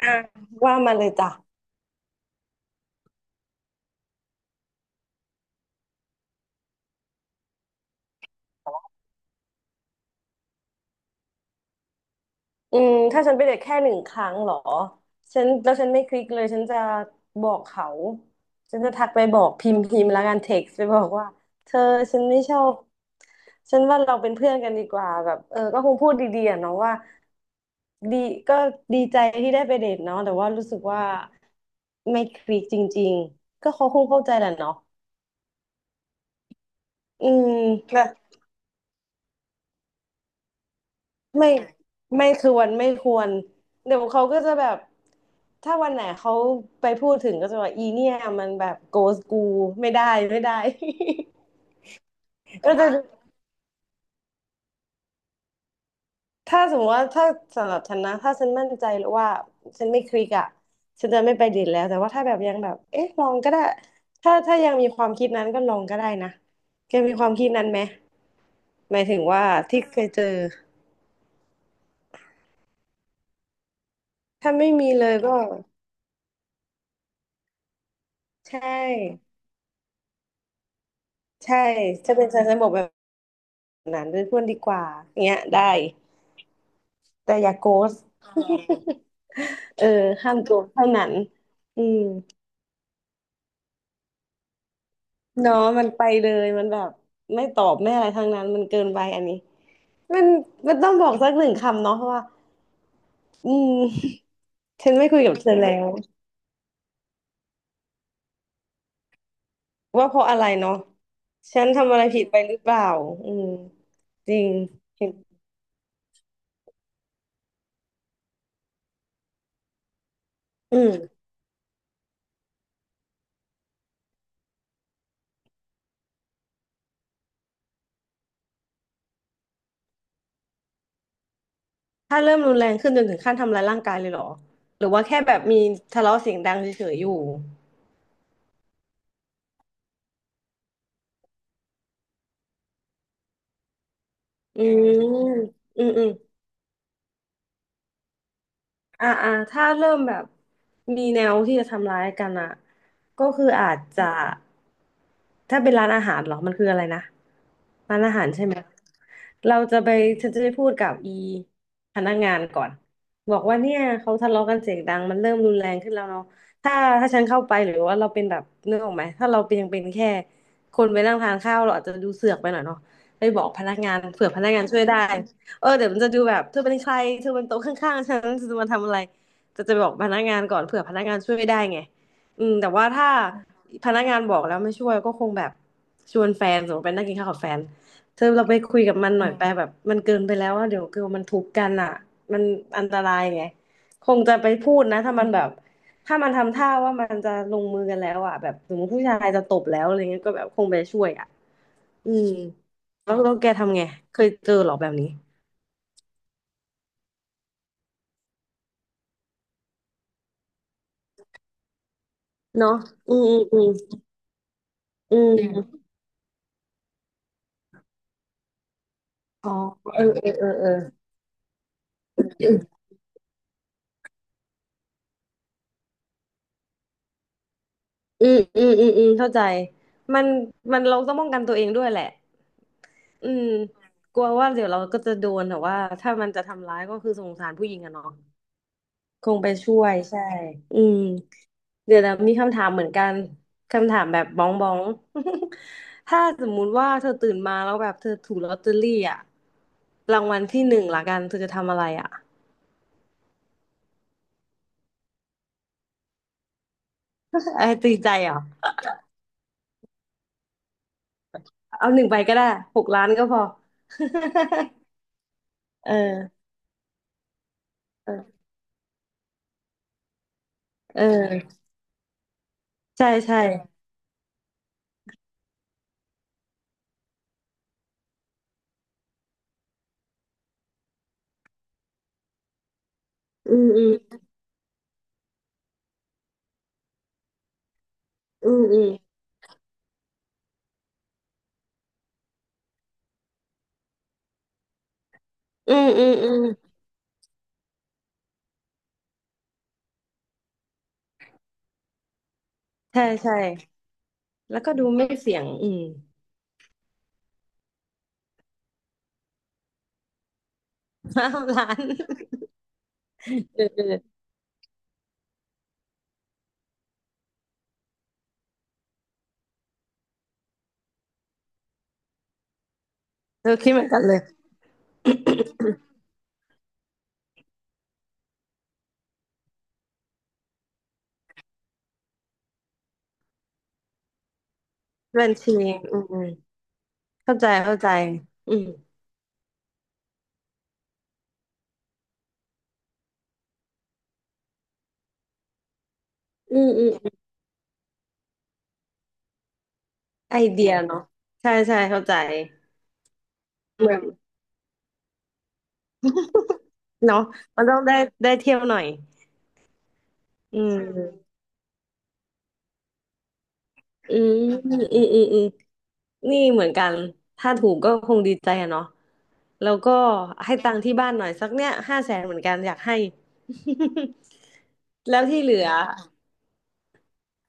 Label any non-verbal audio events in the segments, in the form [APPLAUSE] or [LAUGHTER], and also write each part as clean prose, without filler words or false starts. อ่ะว่ามาเลยจ้ะถ้าฉันไปเดทแค่หนึ่งครั้งเหรอแล้วฉันไม่คลิกเลยฉันจะบอกเขาฉันจะทักไปบอกพิมพ์พิมพ์แล้วกันเท็กซ์ไปบอกว่าเธอฉันไม่ชอบฉันว่าเราเป็นเพื่อนกันดีกว่าแบบเออก็คงพูดดีๆอ่ะเนาะว่าดีก็ดีใจที่ได้ไปเดทเนาะแต่ว่ารู้สึกว่าไม่คลิกจริงๆก็เขาคงเข้าใจแหละเนาะอืม ไม่ไม่ควรเดี๋ยวเขาก็จะแบบถ้าวันไหนเขาไปพูดถึงก็จะว่าอีเนี่ยมันแบบโกสกูไม่ได้ไม่ได้ [LAUGHS] ก็จะถ้าสมมติว่าถ้าสำหรับฉันนะถ้าฉันมั่นใจแล้วว่าฉันไม่คลิกอ่ะฉันจะไม่ไปดีดแล้วแต่ว่าถ้าแบบยังแบบเอ๊ะลองก็ได้ถ้ายังมีความคิดนั้นก็ลองก็ได้นะแกมีความคิดนั้นไหมหมายถึงว่าที่เคยเจอถ้าไม่มีเลยก็ใช่ใช่ถ้าเป็นฉันฉันบอกแบบ นั้นเป็นเพื่อนดีกว่าเงี้ยได้แต่อย่าโกส [LAUGHS] เออห้ามโกสเท่านั้นอืมเนาะมันไปเลยมันแบบไม่ตอบไม่อะไรทั้งนั้นมันเกินไปอันนี้มันมันต้องบอกสักหนึ่งคำเนาะว่าอืม [LAUGHS] ฉันไม่คุยกับเธอแล้วว่าเพราะอะไรเนาะฉันทำอะไรผิดไปหรือเปล่าอืมจริงเห็นอืมถ้าเริ่มรุนแรงขึ้นจนถึงขั้นทำร้ายร่างกายเลยเหรอหรือว่าแค่แบบมีทะเลาะเสียงดังเฉยๆอยู่อืมอืมอืม ถ้าเริ่มแบบมีแนวที่จะทำร้ายกันอ่ะก็คืออาจจะถ้าเป็นร้านอาหารเหรอมันคืออะไรนะร้านอาหารใช่ไหมเราจะไปฉันจะไปพูดกับอีพนักงานก่อนบอกว่าเนี่ยเขาทะเลาะกันเสียงดังมันเริ่มรุนแรงขึ้นแล้วเนาะถ้าถ้าฉันเข้าไปหรือว่าเราเป็นแบบนึกออกไหมถ้าเราเป็นยังเป็นแค่คนไปนั่งทานข้าวเราอาจจะดูเสือกไปหน่อยเนาะไปบอกพนักงานเผื่อพนักงานช่วยได้ เออเดี๋ยวมันจะดูแบบเธอเป็นใครเธอเป็นโต๊ะข้างๆฉันเธอจะมาทำอะไรจะบอกพนักงานก่อนเผื่อพนักงานช่วยไม่ได้ไงอืมแต่ว่าถ้าพนักงานบอกแล้วไม่ช่วยก็คงแบบชวนแฟนสมมติไปนั่งกินข้าวกับแฟนเธอเราไปคุยกับมันหน่อยไปแบบมันเกินไปแล้วว่าเดี๋ยวคือมันทุบกันอะมันอันตรายไงคงจะไปพูดนะถ้ามันแบบถ้ามันทำท่าว่ามันจะลงมือกันแล้วอะแบบสมมติผู้ชายจะตบแล้วอะไรเงี้ยก็แบบคงไปช่วยอะอืมแล้วแกทำไงเคยเจอหรอแบบนี้ เนาะอืมอืมอืมจริอ๋อเอออืมอืมอืมอืมเข้าใจมันมันเราต้องป้องกันตัวเองด้วยแหละอืมกลัวว่าเดี๋ยวเราก็จะโดนแต่ว่าถ้ามันจะทำร้ายก็คือสงสารผู้หญิงอะเนาะคงไปช่วยใช่อืมเดี๋ยวนะมีคำถามเหมือนกันคำถามแบบบ้องบ้อง [LAUGHS] ถ้าสมมุติว่าเธอตื่นมาแล้วแบบเธอถูกลอตเตอรี่อะรางวัลที่หนึ่งละกันเธอจะทำอะไรอะ [LAUGHS] ไอ้ตีใจเหรอ เอาหนึ่งใบก็ได้หกล้านก็พอ [LAUGHS] เออเออเออใช่ใช่อืมอืมอืมอืมอืมอืมอืมใช่ใช่แล้วก็ดูไม่เสี่ยงอืมห้าล้านเออเออเออคิดเหมือนกันเลยบัญชีอืมอืมเข้าใจเข้าใจอืมอืมอืมไอเดียเนาะใช่ใช่เข้าใจเหมือนเนาะมันต้องได้ได้เที่ยวหน่อยอืม อืมอืมอืมอืมนี่เหมือนกันถ้าถูกก็คงดีใจอะเนาะแล้วก็ให้ตังค์ที่บ้านหน่อยสักเนี้ยห้าแสนเหมือนกันอยากให้ [LAUGHS] แล้วที่เหลือ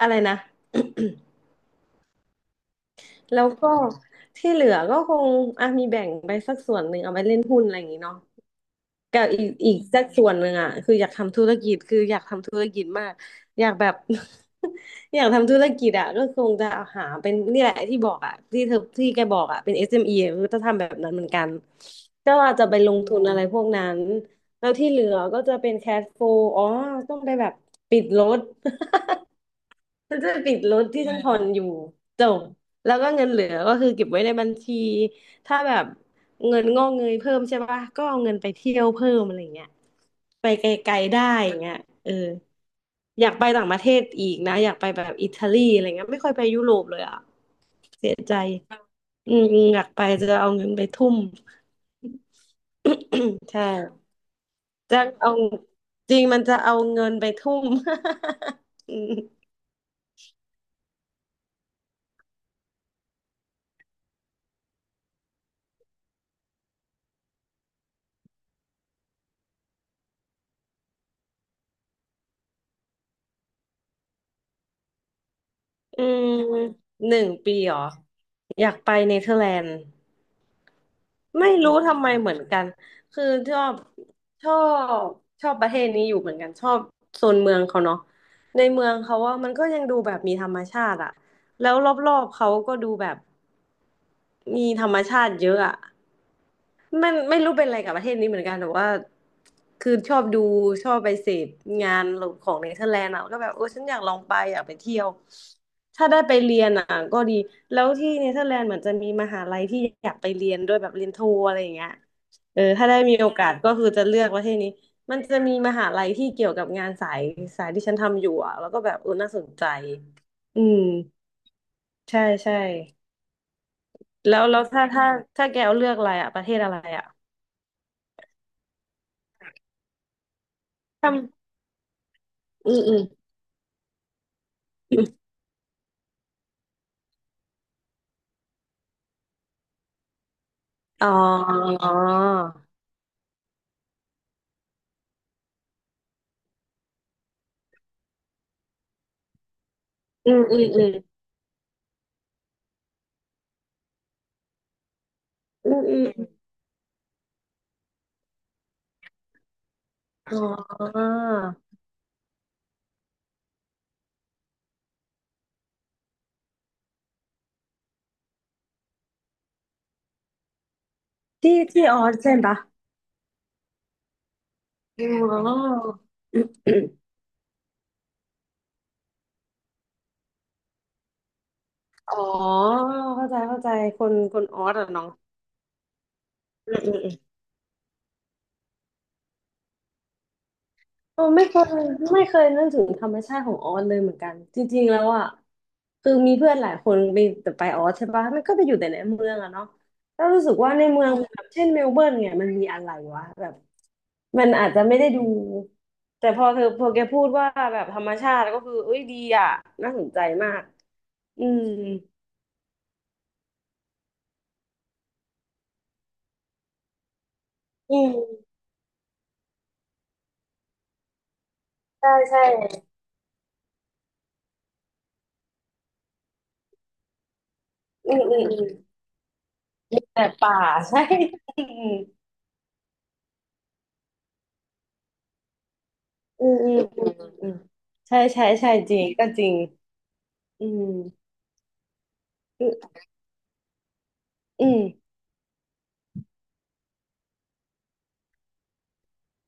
อะไรนะแล้วก็ที่เหลือก็คงอ่ะมีแบ่งไปสักส่วนหนึ่งเอาไปเล่นหุ้นอะไรอย่างงี้เนาะ กับอีกสักส่วนหนึ่งอ่ะคืออยากทำธุรกิจคืออยากทำธุรกิจมากอยากแบบ [LAUGHS] อยากทำธุรกิจอ่ะก็คงจะหาเป็นนี่แหละที่บอกอ่ะที่เธอที่แกบอกอ่ะเป็น SME อสเอ็มอีอะคือจะทำแบบนั้นเหมือนกันก็ว่าจะไปลงทุนอะไรพวกนั้นแล้วที่เหลือก็จะเป็นแคชโฟลอ๋อต้องไปแบบปิดรถ [LAUGHS] ฉันจะปิดรถที่ฉันผ่อนอยู่จบแล้วก็เงินเหลือก็คือเก็บไว้ในบัญชีถ้าแบบ เงินงอกเงยเพิ่มใช่ปะก็เอาเงินไปเที่ยวเพิ่มอะไรเงี้ยไปไกลๆได้อย่างเงี้ยเอออยากไปต่างประเทศอีกนะอยากไปแบบอิตาลีอะไรเงี้ยไม่ค่อยไปยุโรปเลยอ่ะเสียใจอืมอยากไปจะเอาเงินไปทุ่ม [COUGHS] ใช่จะเอาจริงมันจะเอาเงินไปทุ่ม [LAUGHS] อืม1 ปีเหรออยากไปเนเธอร์แลนด์ ไม่รู้ทำไมเหมือนกันคือชอบชอบชอบประเทศนี้อยู่เหมือนกันชอบโซนเมืองเขาเนาะในเมืองเขาว่ามันก็ยังดูแบบมีธรรมชาติอะแล้วรอบๆเขาก็ดูแบบมีธรรมชาติเยอะอะมันไม่รู้เป็นอะไรกับประเทศนี้เหมือนกันแต่ว่าคือชอบดูชอบไปเสพงานของเนเธอร์แลนด์อะก็แบบโอ้ฉันอยากลองไปอยากไปเที่ยวถ้าได้ไปเรียนอ่ะก็ดีแล้วที่เนเธอร์แลนด์เหมือนจะมีมหาลัยที่อยากไปเรียนด้วยแบบเรียนโทอะไรอย่างเงี้ย เออถ้าได้มีโอกาสก็คือจะเลือกประเทศนี้มันจะมีมหาลัยที่เกี่ยวกับงานสายที่ฉันทำอยู่อ่ะแล้วก็แบบเออน่าสนใจอืมใช่ใช่แล้วถ้าถ้าแกเอาเลือกอะไรอ่ะประเทศอะไรอ่ะทำอืมอืมอ๋ออืมอืมอืมอืมอืมอ๋อที่ที่ออสใช่ปะอ๋ออ๋อเข้าใจเข้าใจคนคนออสอ่ะเนาะอืมอืม เออไม่เคยนึกถึงธรรมชาติของออสเลยเหมือนกันจริงๆแล้วอ่ะคือมีเพื่อนหลายคนไปแต่ไปออสใช่ปะมันก็ไปอยู่แต่ในเมืองอะเนาะแล้วรู้สึกว่าในเมืองแบบเช่นเมลเบิร์นเนี่ยมันมีอะไรวะแบบมันอาจจะไม่ได้ดูแต่พอเธอพอแกพูดว่าแบบธรรมชาติก็คือเอ้ยดีอ่ะน่าสนใจมากอืมอืมใช่ใช่อืมอืมอืมมีแต่ป่าใช่ [LAUGHS] อืมอืมอืมอืมอืมใช่ใช่ใช่จริงก็จริงอืม อืมอืม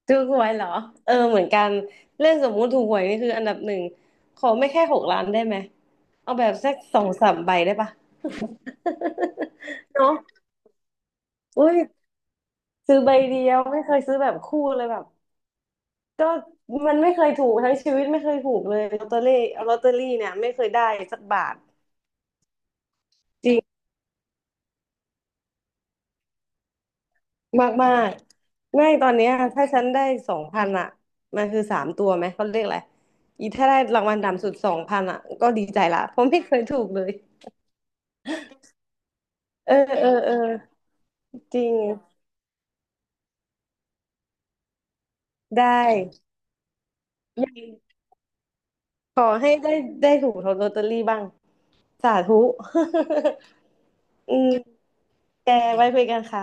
ถูกหวยเหรอเออเหมือนกันเรื่องสมมุติถูกหวยนี่คืออันดับ 1ขอไม่แค่6 ล้านได้ไหมเอาแบบสักสองสามใบได้ปะ [LAUGHS] เนาะอุ้ยซื้อใบเดียวไม่เคยซื้อแบบคู่เลยแบบก็มันไม่เคยถูกทั้งชีวิตไม่เคยถูกเลยลอตเตอรี่เนี่ยไม่เคยได้สักบาทจริงมากมากไม่ตอนเนี้ยถ้าฉันได้สองพันอ่ะมันคือ3 ตัวไหมเขาเรียกอะไรอีถ้าได้รางวัลต่ำสุดสองพันอ่ะก็ดีใจละเพราะไม่เคยถูกเลย เออเออเออจริงได้ยังขอให้ได้ได้ถูกลอตเตอรี่บ้างสาธุ [LAUGHS] อืมแกไว้คุยกันค่ะ